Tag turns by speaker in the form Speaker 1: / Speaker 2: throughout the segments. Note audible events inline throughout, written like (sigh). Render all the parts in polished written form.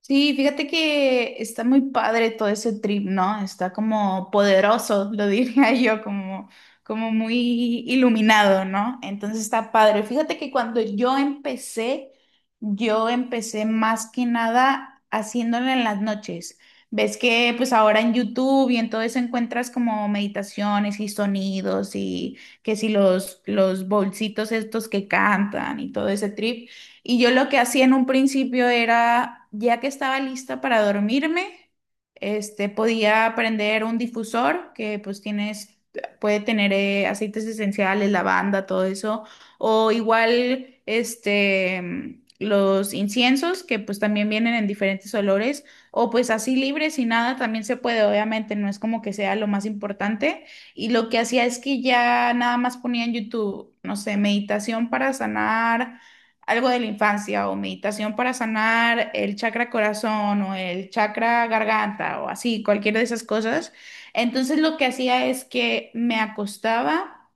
Speaker 1: Sí, fíjate que está muy padre todo ese trip, ¿no? Está como poderoso, lo diría (laughs) yo, como, como muy iluminado, ¿no? Entonces está padre. Fíjate que cuando yo empecé más que nada haciéndolo en las noches. Ves que pues ahora en YouTube y en todo eso encuentras como meditaciones y sonidos y que si los bolsitos estos que cantan y todo ese trip. Y yo lo que hacía en un principio era, ya que estaba lista para dormirme, podía prender un difusor que pues tienes, puede tener aceites esenciales, lavanda, todo eso, o igual, los inciensos que pues también vienen en diferentes olores, o pues así libres y nada, también se puede, obviamente, no es como que sea lo más importante. Y lo que hacía es que ya nada más ponía en YouTube, no sé, meditación para sanar algo de la infancia o meditación para sanar el chakra corazón o el chakra garganta o así, cualquiera de esas cosas. Entonces lo que hacía es que me acostaba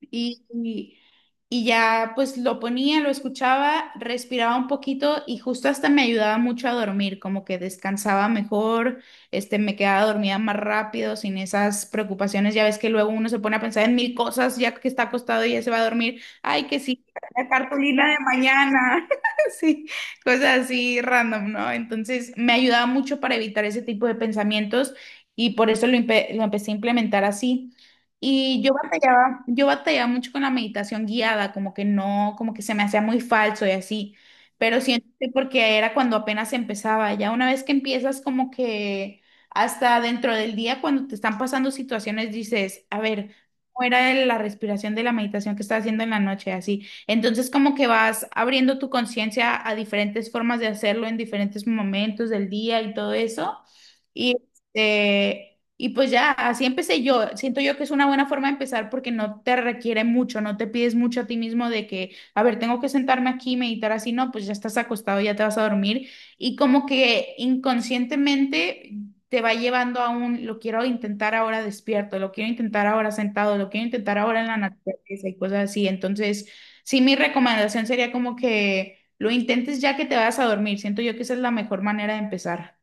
Speaker 1: y, y- y ya pues lo ponía, lo escuchaba, respiraba un poquito y justo hasta me ayudaba mucho a dormir, como que descansaba mejor, me quedaba dormida más rápido, sin esas preocupaciones. Ya ves que luego uno se pone a pensar en mil cosas ya que está acostado y ya se va a dormir. Ay, que sí, la cartulina de mañana. (laughs) Sí, cosas así random, ¿no? Entonces me ayudaba mucho para evitar ese tipo de pensamientos y por eso lo empecé a implementar así. Y yo batallaba mucho con la meditación guiada, como que no, como que se me hacía muy falso y así. Pero siento que porque era cuando apenas empezaba, ya una vez que empiezas como que hasta dentro del día cuando te están pasando situaciones dices, a ver, ¿cómo era la respiración de la meditación que estaba haciendo en la noche? Así. Entonces como que vas abriendo tu conciencia a diferentes formas de hacerlo en diferentes momentos del día y todo eso. Y este, y pues ya, así empecé yo. Siento yo que es una buena forma de empezar porque no te requiere mucho, no te pides mucho a ti mismo de que, a ver, tengo que sentarme aquí y meditar así, no, pues ya estás acostado, ya te vas a dormir. Y como que inconscientemente te va llevando a un, lo quiero intentar ahora despierto, lo quiero intentar ahora sentado, lo quiero intentar ahora en la naturaleza y cosas así. Entonces, sí, mi recomendación sería como que lo intentes ya que te vas a dormir. Siento yo que esa es la mejor manera de empezar.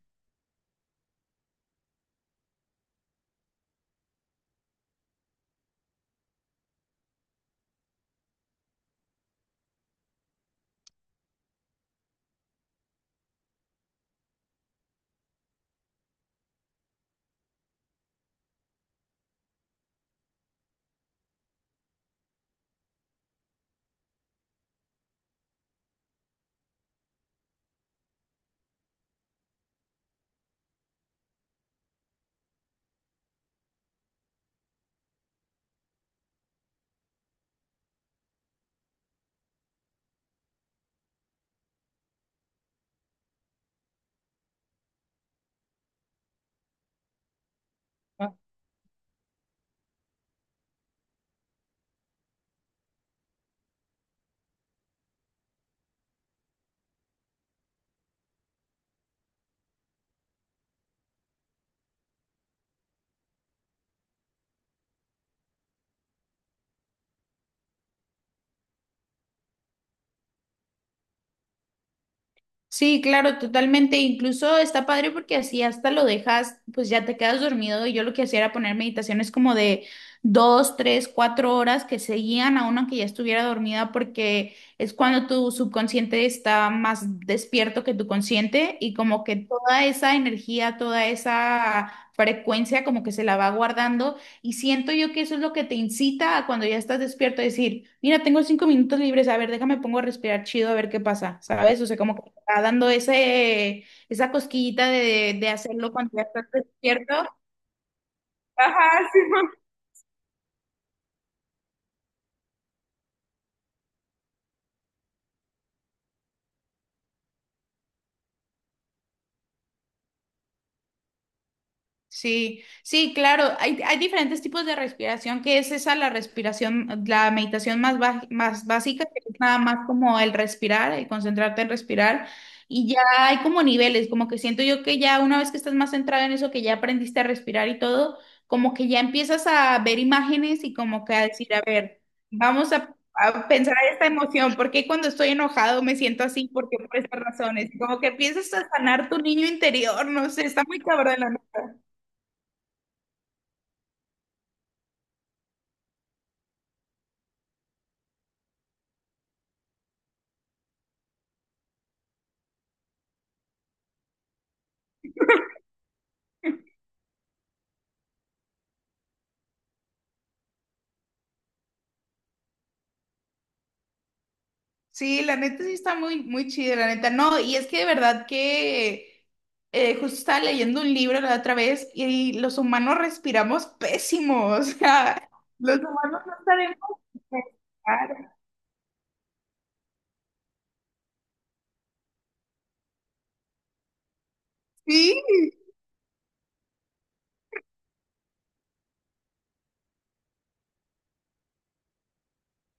Speaker 1: Sí, claro, totalmente. Incluso está padre porque así hasta lo dejas, pues ya te quedas dormido. Y yo lo que hacía era poner meditaciones como de dos, tres, cuatro horas que seguían a uno que ya estuviera dormida porque es cuando tu subconsciente está más despierto que tu consciente y como que toda esa energía, toda esa frecuencia como que se la va guardando y siento yo que eso es lo que te incita a cuando ya estás despierto a decir, mira, tengo cinco minutos libres, a ver, déjame pongo a respirar chido, a ver qué pasa, ¿sabes? O sea, como que te va dando ese, esa cosquillita de hacerlo cuando ya estás despierto. Sí, sí, claro, hay diferentes tipos de respiración, que es esa la respiración, la meditación más, más básica, que es nada más como el respirar, el concentrarte en respirar, y ya hay como niveles, como que siento yo que ya una vez que estás más centrado en eso, que ya aprendiste a respirar y todo, como que ya empiezas a ver imágenes y como que a decir, a ver, a pensar esta emoción, porque cuando estoy enojado me siento así. Porque ¿Por qué? Por estas razones. Y como que empiezas a sanar tu niño interior, no sé, está muy cabrón. Sí, la neta sí está muy, muy chida, la neta. No, y es que de verdad que justo estaba leyendo un libro la otra vez y los humanos respiramos pésimo. (laughs) O sea, los humanos no sabemos respirar. Sí.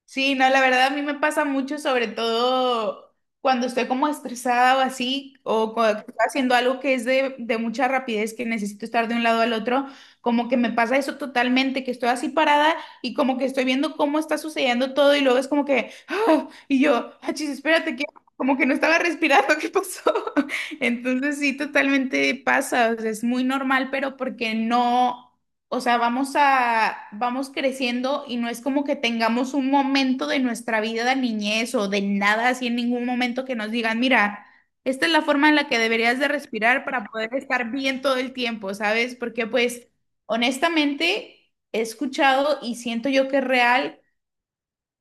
Speaker 1: Sí, no, la verdad a mí me pasa mucho, sobre todo cuando estoy como estresada o así, o cuando estoy haciendo algo que es de mucha rapidez, que necesito estar de un lado al otro, como que me pasa eso totalmente, que estoy así parada y como que estoy viendo cómo está sucediendo todo y luego es como que, "Ah", y yo, achis, espérate, que como que no estaba respirando, (laughs) ¿qué pasó? (laughs) Entonces sí, totalmente pasa, o sea, es muy normal, pero porque no, o sea, vamos creciendo y no es como que tengamos un momento de nuestra vida de niñez o de nada, así en ningún momento que nos digan, mira, esta es la forma en la que deberías de respirar para poder estar bien todo el tiempo, ¿sabes? Porque pues honestamente he escuchado y siento yo que es real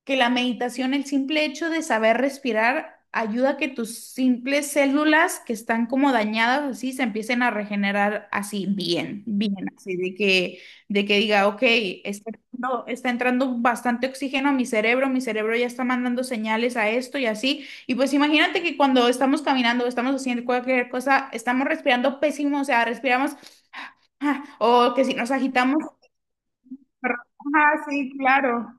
Speaker 1: que la meditación, el simple hecho de saber respirar, ayuda a que tus simples células que están como dañadas así se empiecen a regenerar así bien, bien, así de que diga, ok, está entrando bastante oxígeno a mi cerebro ya está mandando señales a esto y así. Y pues imagínate que cuando estamos caminando, estamos haciendo cualquier cosa, estamos respirando pésimo, o sea, respiramos, ah, o que si nos agitamos, pero, ah, sí, claro.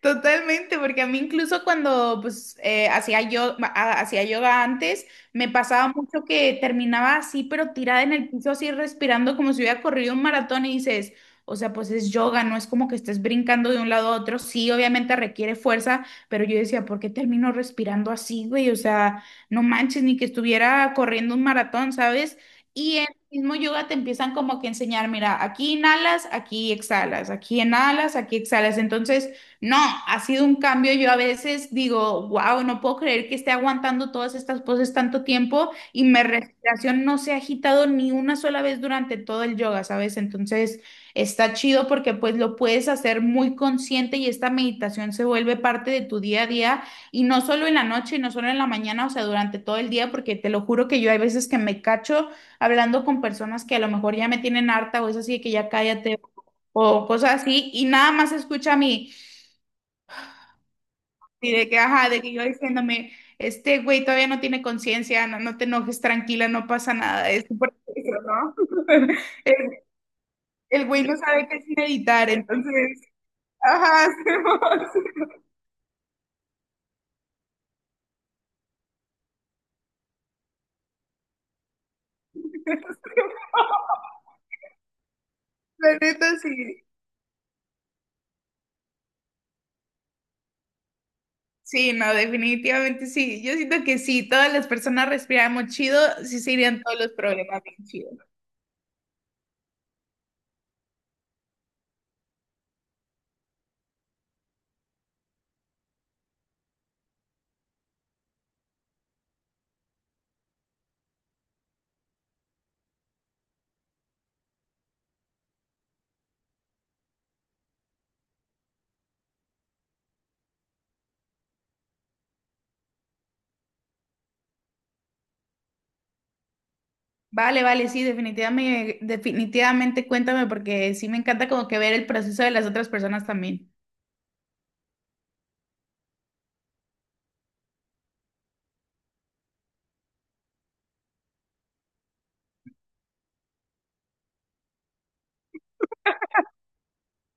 Speaker 1: Totalmente, porque a mí incluso cuando pues hacía yoga antes, me pasaba mucho que terminaba así, pero tirada en el piso, así respirando como si hubiera corrido un maratón y dices, o sea, pues es yoga, no es como que estés brincando de un lado a otro, sí, obviamente requiere fuerza, pero yo decía, ¿por qué termino respirando así, güey? O sea, no manches, ni que estuviera corriendo un maratón, ¿sabes? Y en el mismo yoga te empiezan como que a enseñar, mira, aquí inhalas, aquí exhalas, aquí inhalas, aquí exhalas, entonces no, ha sido un cambio. Yo a veces digo, wow, no puedo creer que esté aguantando todas estas poses tanto tiempo y mi respiración no se ha agitado ni una sola vez durante todo el yoga, ¿sabes? Entonces está chido porque pues lo puedes hacer muy consciente y esta meditación se vuelve parte de tu día a día y no solo en la noche y no solo en la mañana, o sea, durante todo el día, porque te lo juro que yo hay veces que me cacho hablando con personas que a lo mejor ya me tienen harta o es así de que ya cállate o cosas así y nada más escucha a mí. Y de que, ajá, de que yo diciéndome, este güey todavía no tiene conciencia, no, no te enojes, tranquila, no pasa nada, es un proceso, ¿no? (laughs) El, el güey no sabe qué es meditar, entonces, ajá, (laughs) Simón, Simón. La neta, sí. Sí, no, definitivamente sí. Yo siento que sí, todas las personas respiramos chido, sí se irían todos los problemas bien chido. Vale, vale, sí, definitivamente, definitivamente cuéntame porque sí me encanta como que ver el proceso de las otras personas también.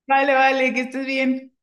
Speaker 1: Vale, vale, que estés bien.